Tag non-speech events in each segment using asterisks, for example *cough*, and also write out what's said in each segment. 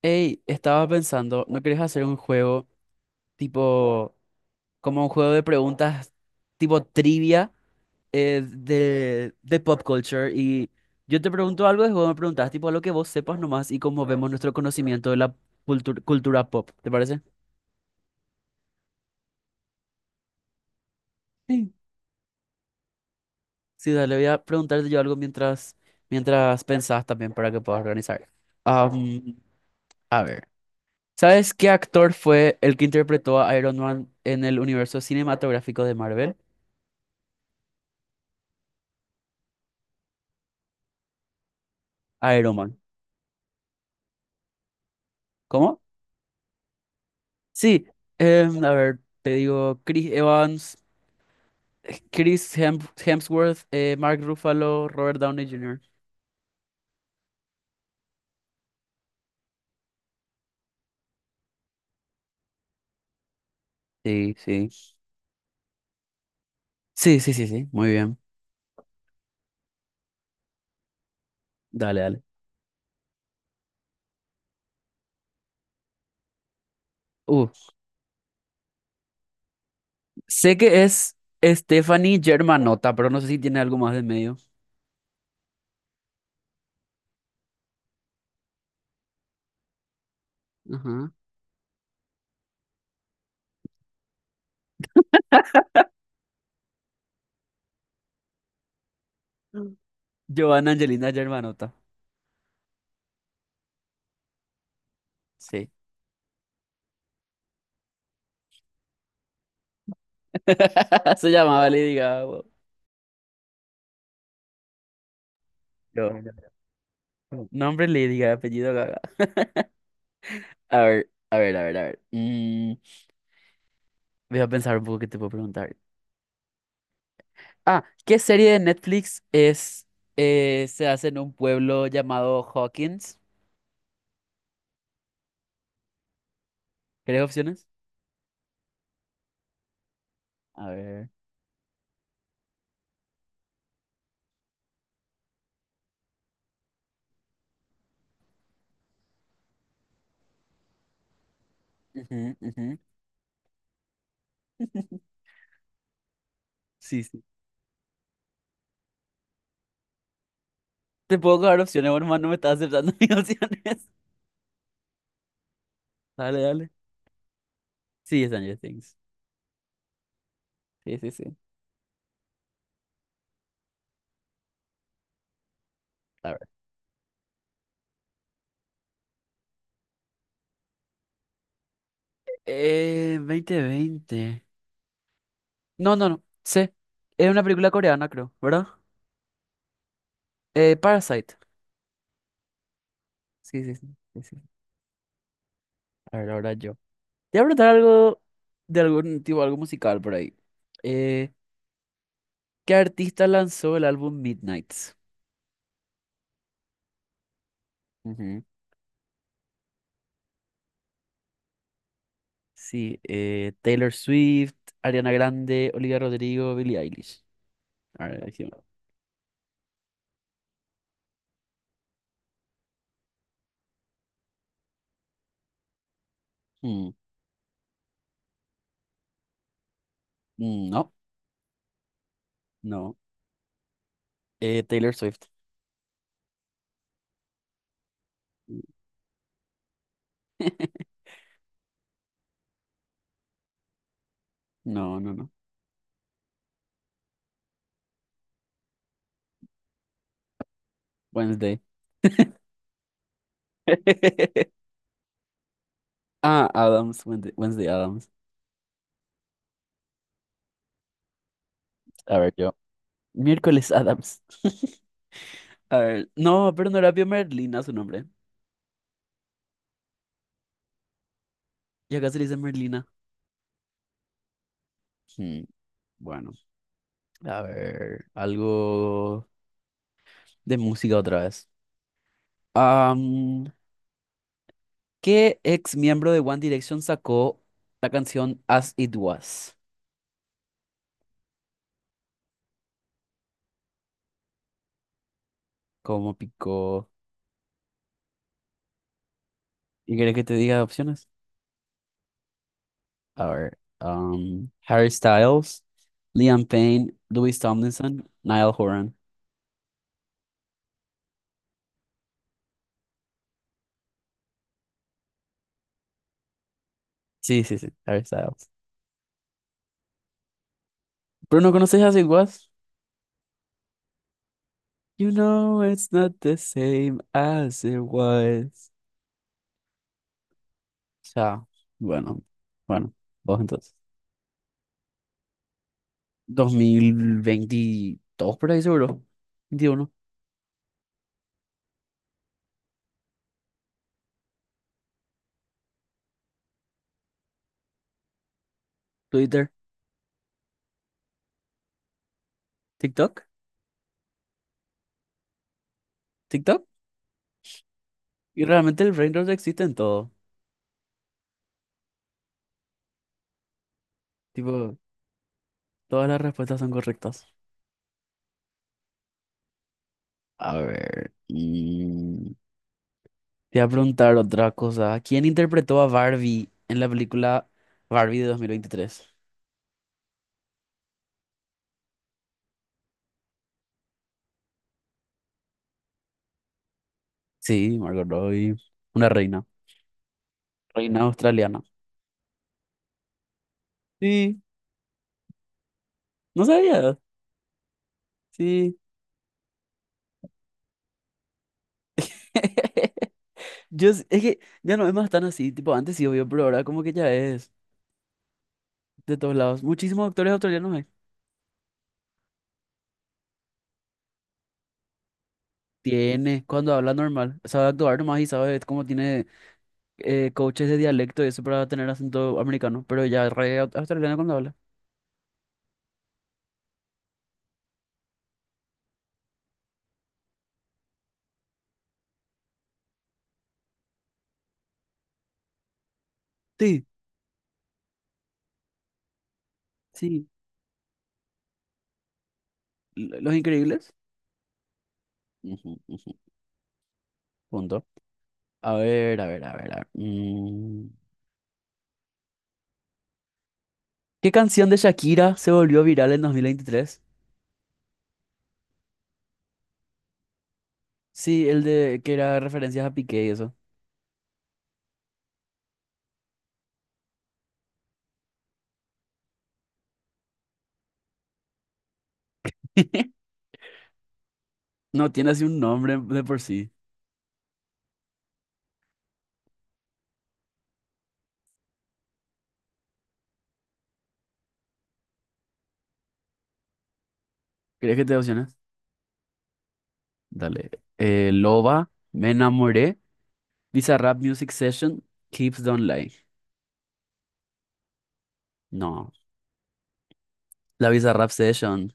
Hey, estaba pensando, ¿no querés hacer un juego tipo, como un juego de preguntas tipo trivia, de pop culture? Y yo te pregunto algo y vos me preguntás tipo lo que vos sepas nomás y cómo vemos nuestro conocimiento de la cultura pop, ¿te parece? Sí. Sí, dale, voy a preguntarte yo algo mientras pensás también para que puedas organizar. Am, a ver, ¿sabes qué actor fue el que interpretó a Iron Man en el universo cinematográfico de Marvel? Iron Man. ¿Cómo? Sí, a ver, te digo, Chris Evans, Chris Hem- Hemsworth, Mark Ruffalo, Robert Downey Jr. Sí, sí. Sí, sí, sí, sí, muy bien. Dale, dale. Uh, sé que es Stephanie Germanotta, pero no sé si tiene algo más de medio. Ajá. Giovanna Angelina Germanotta. Sí. *laughs* Se llamaba Lady Gaga. Wow. Giovanna. Nombre Lady Gaga, apellido Gaga. A ver, a ver, a ver, a ver. Voy a pensar un poco qué te puedo preguntar. Ah, ¿qué serie de Netflix es, se hace en un pueblo llamado Hawkins? ¿Querés opciones? A ver. Ujú, ujú. Sí, sí. Te puedo dar opciones, bueno, hermano, no me estás aceptando *laughs* mis opciones. Dale, dale. Sí, Stranger Things. Sí, sí, sí. A ver. 2020. No, no, no. Sí. Es una película coreana, creo, ¿verdad? Parasite. Sí, sí, sí, sí, sí. A ver, ahora yo. Te voy a preguntar algo de algún tipo, algo musical por ahí. Eh, ¿Qué artista lanzó el álbum Midnights? Ujú. Sí, Taylor Swift, Ariana Grande, Olivia Rodrigo, Billie Eilish. A ver, aquí va. Mm. Mm. No. No. Taylor Swift. No, no, no. Wednesday. *laughs* Ah, Adams. Wednesday, Wednesday Adams. A ver, yo. Miércoles Adams. *laughs* A ver. No, pero no era Pio Merlina su nombre. Y acá se le dice Merlina. Hmm, Bueno, a ver. Algo de música otra vez. ¿Qué ex miembro de One Direction sacó la canción As It Was? ¿Cómo picó? ¿Y querés que te diga opciones? A ver, Harry Styles, Liam Payne, Louis Tomlinson, Niall Horan. Sí, sí, sí, Harry Styles. ¿Pero no conoces As It Was? You know it's not the same as it was. Ya, bueno, bueno, vos entonces. 2022 por ahí seguro. 21. Twitter. TikTok. TikTok. Y realmente el brain rot existe en todo. Tipo, todas las respuestas son correctas. A ver, y te voy a preguntar otra cosa. ¿Quién interpretó a Barbie en la película Barbie de 2023? Sí, Margot Robbie. Una reina. Reina australiana. Sí, no sabía. Sí. *laughs* Yo, es que ya no es más tan así. Tipo, antes sí, obvio, pero ahora como que ya es de todos lados. Muchísimos actores australianos hay. Tiene, cuando habla normal, sabe actuar nomás y sabe cómo tiene coaches de dialecto y eso para tener acento americano, pero ya re australiano cuando habla. Sí, sí, Los Increíbles. Ujú, ujú. Punto. A ver, a ver, a ver. A ver, ¿Qué canción de Shakira se volvió viral en 2023? Sí, el de que era referencias a Piqué y eso. *laughs* No tiene así un nombre de por sí. ¿Crees que te opciones? Dale. Loba, Me enamoré, Bizarrap Music Session, Keeps Don't Lie. No, la Bizarrap Session.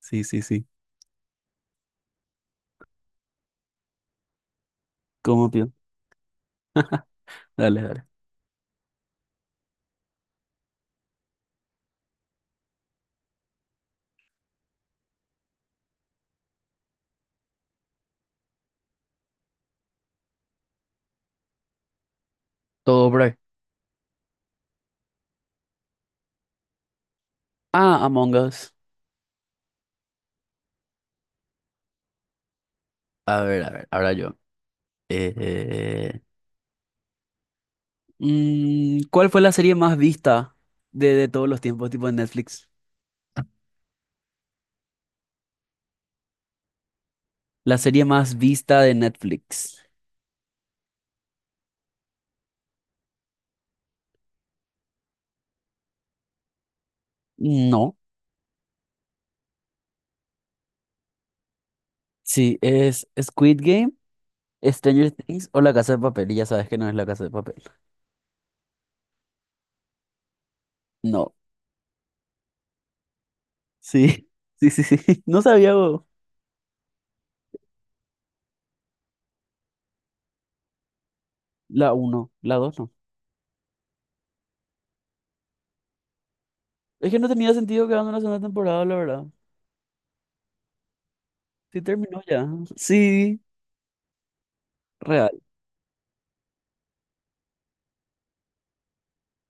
Sí, sí, sí. ¿Cómo, pío? Dale, dale. Todo por ahí. Ah, Among Us. A ver, ahora yo. Eh, ¿Cuál fue la serie más vista de todos los tiempos, tipo de Netflix? La serie más vista de Netflix. No. Sí, es Squid Game, Stranger Things o La Casa de Papel. Y ya sabes que no es La Casa de Papel. No. Sí, *laughs* sí, sí, sí. *laughs* No sabía vos. La uno la 2 no. Es que no tenía sentido quedando en la segunda temporada, la verdad. Sí, terminó ya. Sí, real.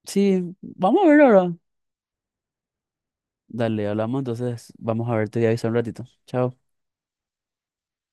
Sí, vamos a ver ahora. Dale, hablamos, entonces vamos a verte y avisar un ratito. Chao.